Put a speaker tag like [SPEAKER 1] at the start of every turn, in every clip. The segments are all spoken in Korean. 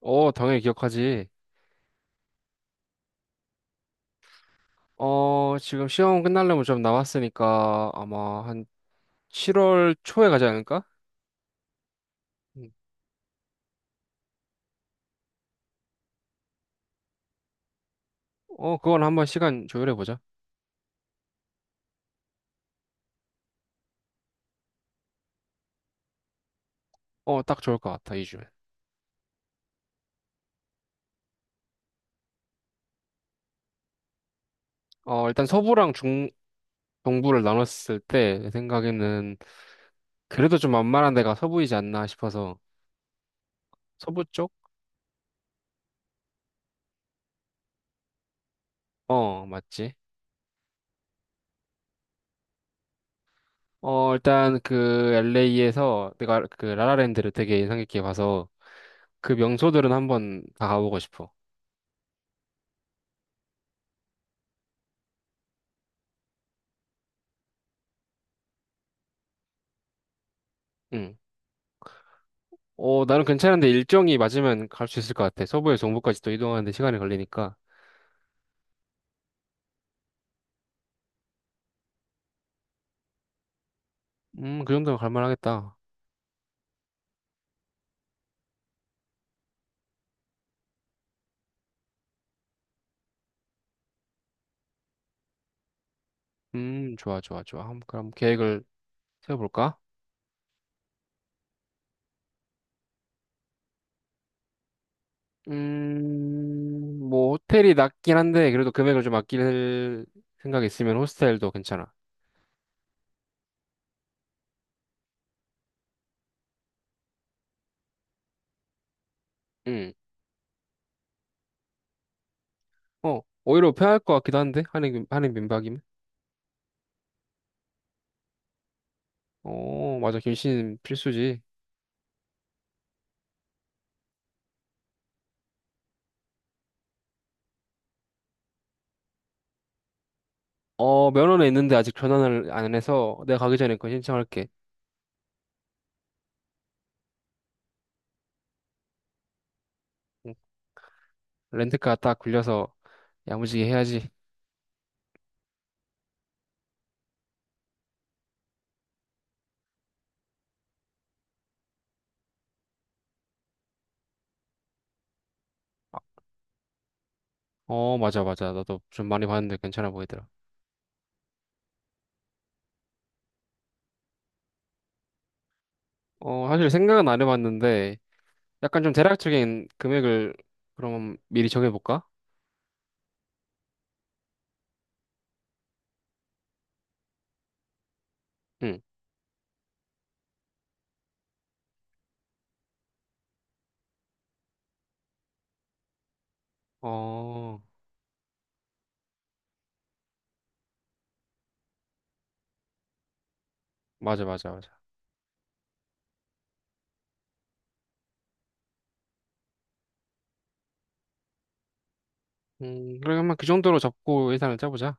[SPEAKER 1] 어, 당연히 기억하지. 어, 지금 시험 끝나려면 좀 남았으니까 아마 한 7월 초에 가지 않을까? 음. 어, 그건 한번 시간 조율해보자. 어, 딱 좋을 것 같아, 2주면. 어, 일단 서부랑 중, 동부를 나눴을 때, 내 생각에는 그래도 좀 만만한 데가 서부이지 않나 싶어서. 서부 쪽? 어, 맞지. 어, 일단 그 LA에서 내가 그 라라랜드를 되게 인상 깊게 봐서 그 명소들은 한번 다 가보고 싶어. 응. 어, 나는 괜찮은데 일정이 맞으면 갈 수 있을 것 같아. 서부에서 동부까지 또 이동하는데 시간이 걸리니까. 그 정도면 갈만하겠다. 좋아, 좋아, 좋아. 한번 그럼 계획을 세워볼까? 뭐, 호텔이 낮긴 한데, 그래도 금액을 좀 아낄 생각이 있으면 호스텔도 괜찮아. 음, 오히려 편할 것 같기도 한데, 한인 민박이면? 어, 맞아. 김씨는 필수지. 어, 면허는 있는데 아직 전환을 안 해서 내가 가기 전에 그거 신청할게. 응. 렌트카 딱 굴려서 야무지게 해야지. 어, 맞아, 맞아. 나도 좀 많이 봤는데 괜찮아 보이더라. 어, 사실 생각은 안 해봤는데, 약간 좀 대략적인 금액을 그럼 미리 정해볼까? 응. 어, 맞아, 맞아, 맞아. 그러면 그 정도로 잡고 예산을 짜보자.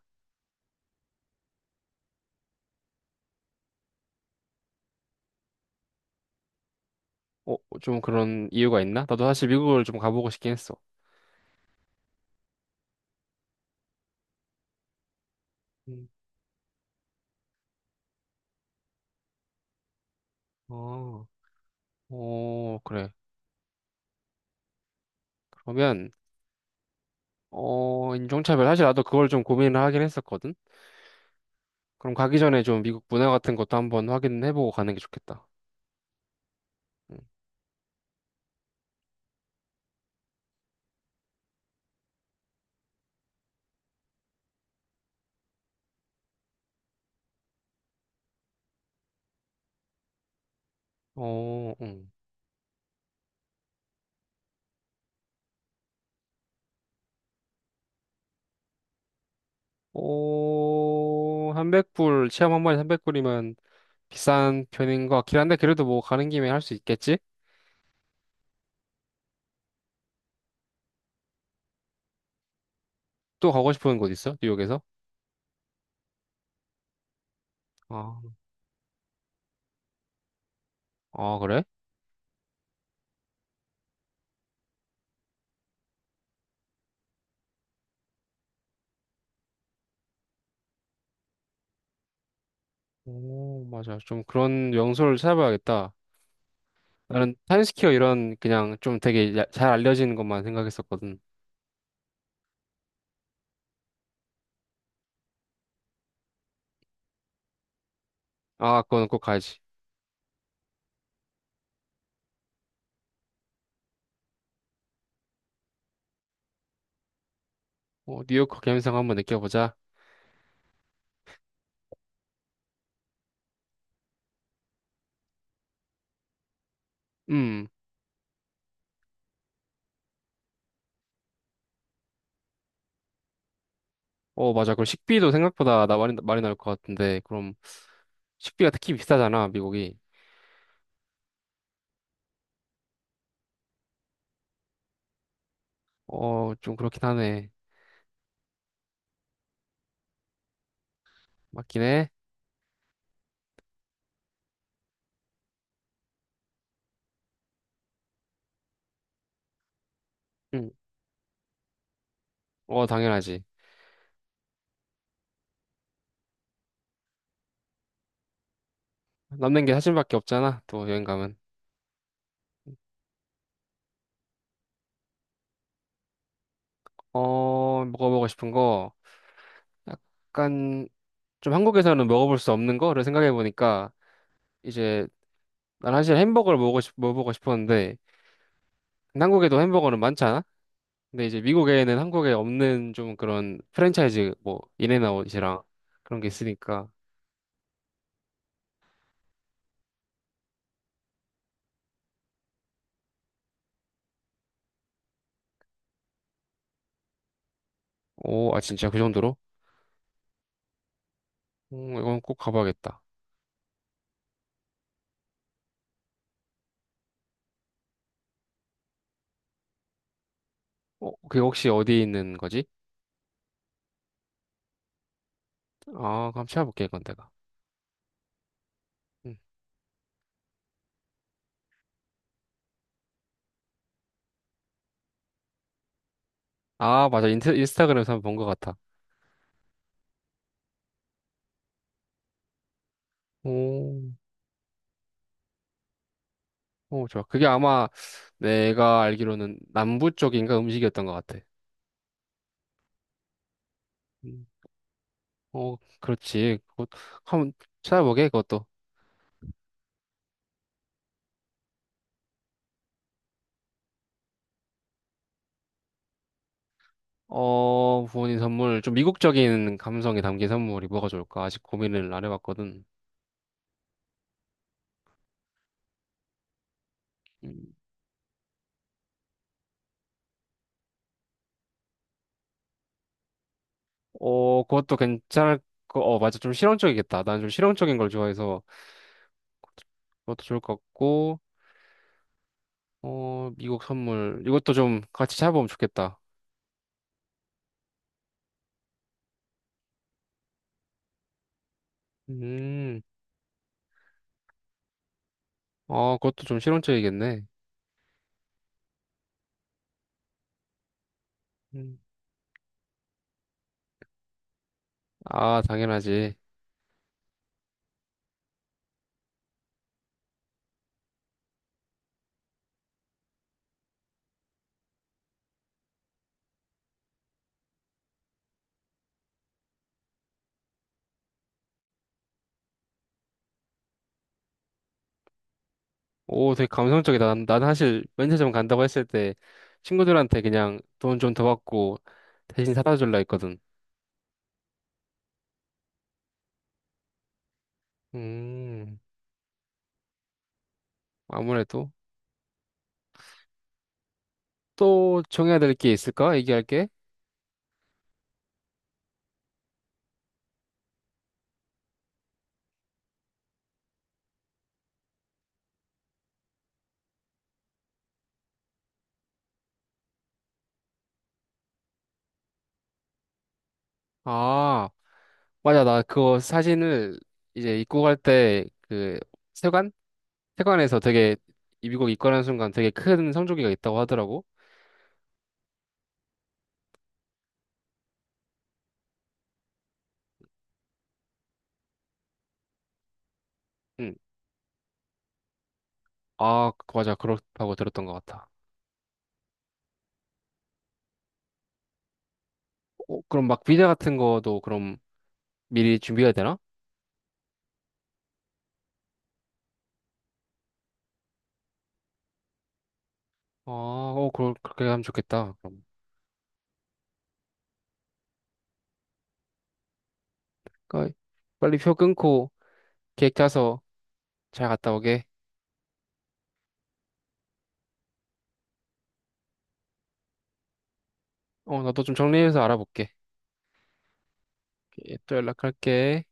[SPEAKER 1] 어, 좀 그런 이유가 있나? 나도 사실 미국을 좀 가보고 싶긴 했어. 음. 어, 어, 그래. 그러면, 어, 인종차별. 사실 나도 그걸 좀 고민을 하긴 했었거든? 그럼 가기 전에 좀 미국 문화 같은 것도 한번 확인해보고 가는 게 좋겠다. 음. 어, 응. 오, 300불, 체험 한 번에 300불이면 비싼 편인 것 같긴 한데, 그래도 뭐 가는 김에 할 수 있겠지? 또 가고 싶은 곳 있어? 뉴욕에서? 아, 아, 그래? 오, 맞아. 좀 그런 명소를 찾아봐야겠다. 나는 타임스퀘어 이런 그냥 좀 되게 잘 알려진 것만 생각했었거든. 아, 그거는 꼭 가야지. 어, 뉴욕 감성 한번 느껴보자. 음, 어, 맞아. 그럼 식비도 생각보다 나 많이, 많이 나올 것 같은데, 그럼 식비가 특히 비싸잖아, 미국이. 어, 좀 그렇긴 하네. 맞긴 해. 음. 어, 당연하지. 남는 게 사진밖에 없잖아, 또 여행 가면. 어, 먹어보고 싶은 거, 약간, 좀 한국에서는 먹어볼 수 없는 거를 생각해보니까, 이제, 난 사실 햄버거를 먹어보고 싶었는데, 근데 한국에도 햄버거는 많잖아? 근데 이제 미국에는 한국에 없는 좀 그런 프랜차이즈, 뭐, 인앤아웃이랑 그런 게 있으니까, 오, 아, 진짜 그 정도로? 이건 꼭 가봐야겠다. 어, 그게 혹시 어디에 있는 거지? 아, 그럼 찾아볼게, 이건 내가. 음. 아, 맞아. 인스타그램에서 한번 본 것 같아. 오, 오, 좋아. 그게 아마 내가 알기로는 남부 쪽인가 음식이었던 것 같아. 음, 어, 그렇지. 그것 한번 찾아보게, 그것도. 어, 부모님 선물. 좀 미국적인 감성이 담긴 선물이 뭐가 좋을까? 아직 고민을 안 해봤거든. 음. 어, 그것도 괜찮을 거, 어, 맞아. 좀 실용적이겠다. 난 좀 실용적인 걸 좋아해서 그것도 좋을 것 같고, 어, 미국 선물. 이것도 좀 같이 찾아보면 좋겠다. 음, 어, 그것도 좀 실용적이겠네. 아, 당연하지. 오, 되게 감성적이다. 난 사실 면세점 간다고 했을 때 친구들한테 그냥 돈 좀 더 받고 대신 사다 줄라 했거든. 음, 아무래도 또 정해야 될 게 있을까? 얘기할 게? 아, 맞아. 나 그거 사진을 이제 입고 갈 때 그 세관? 세관에서 되게 미국 입관하는 순간 되게 큰 성조기가 있다고 하더라고. 응. 아, 맞아. 그렇다고 들었던 것 같아. 어, 그럼 막 비자 같은 거도 그럼 미리 준비해야 되나? 아, 어, 그렇게 하면 좋겠다. 그럼. 그러니까 빨리 표 끊고 계획 짜서 잘 갔다 오게. 어, 나도 좀 정리해서 알아볼게. 오케이, 또 연락할게.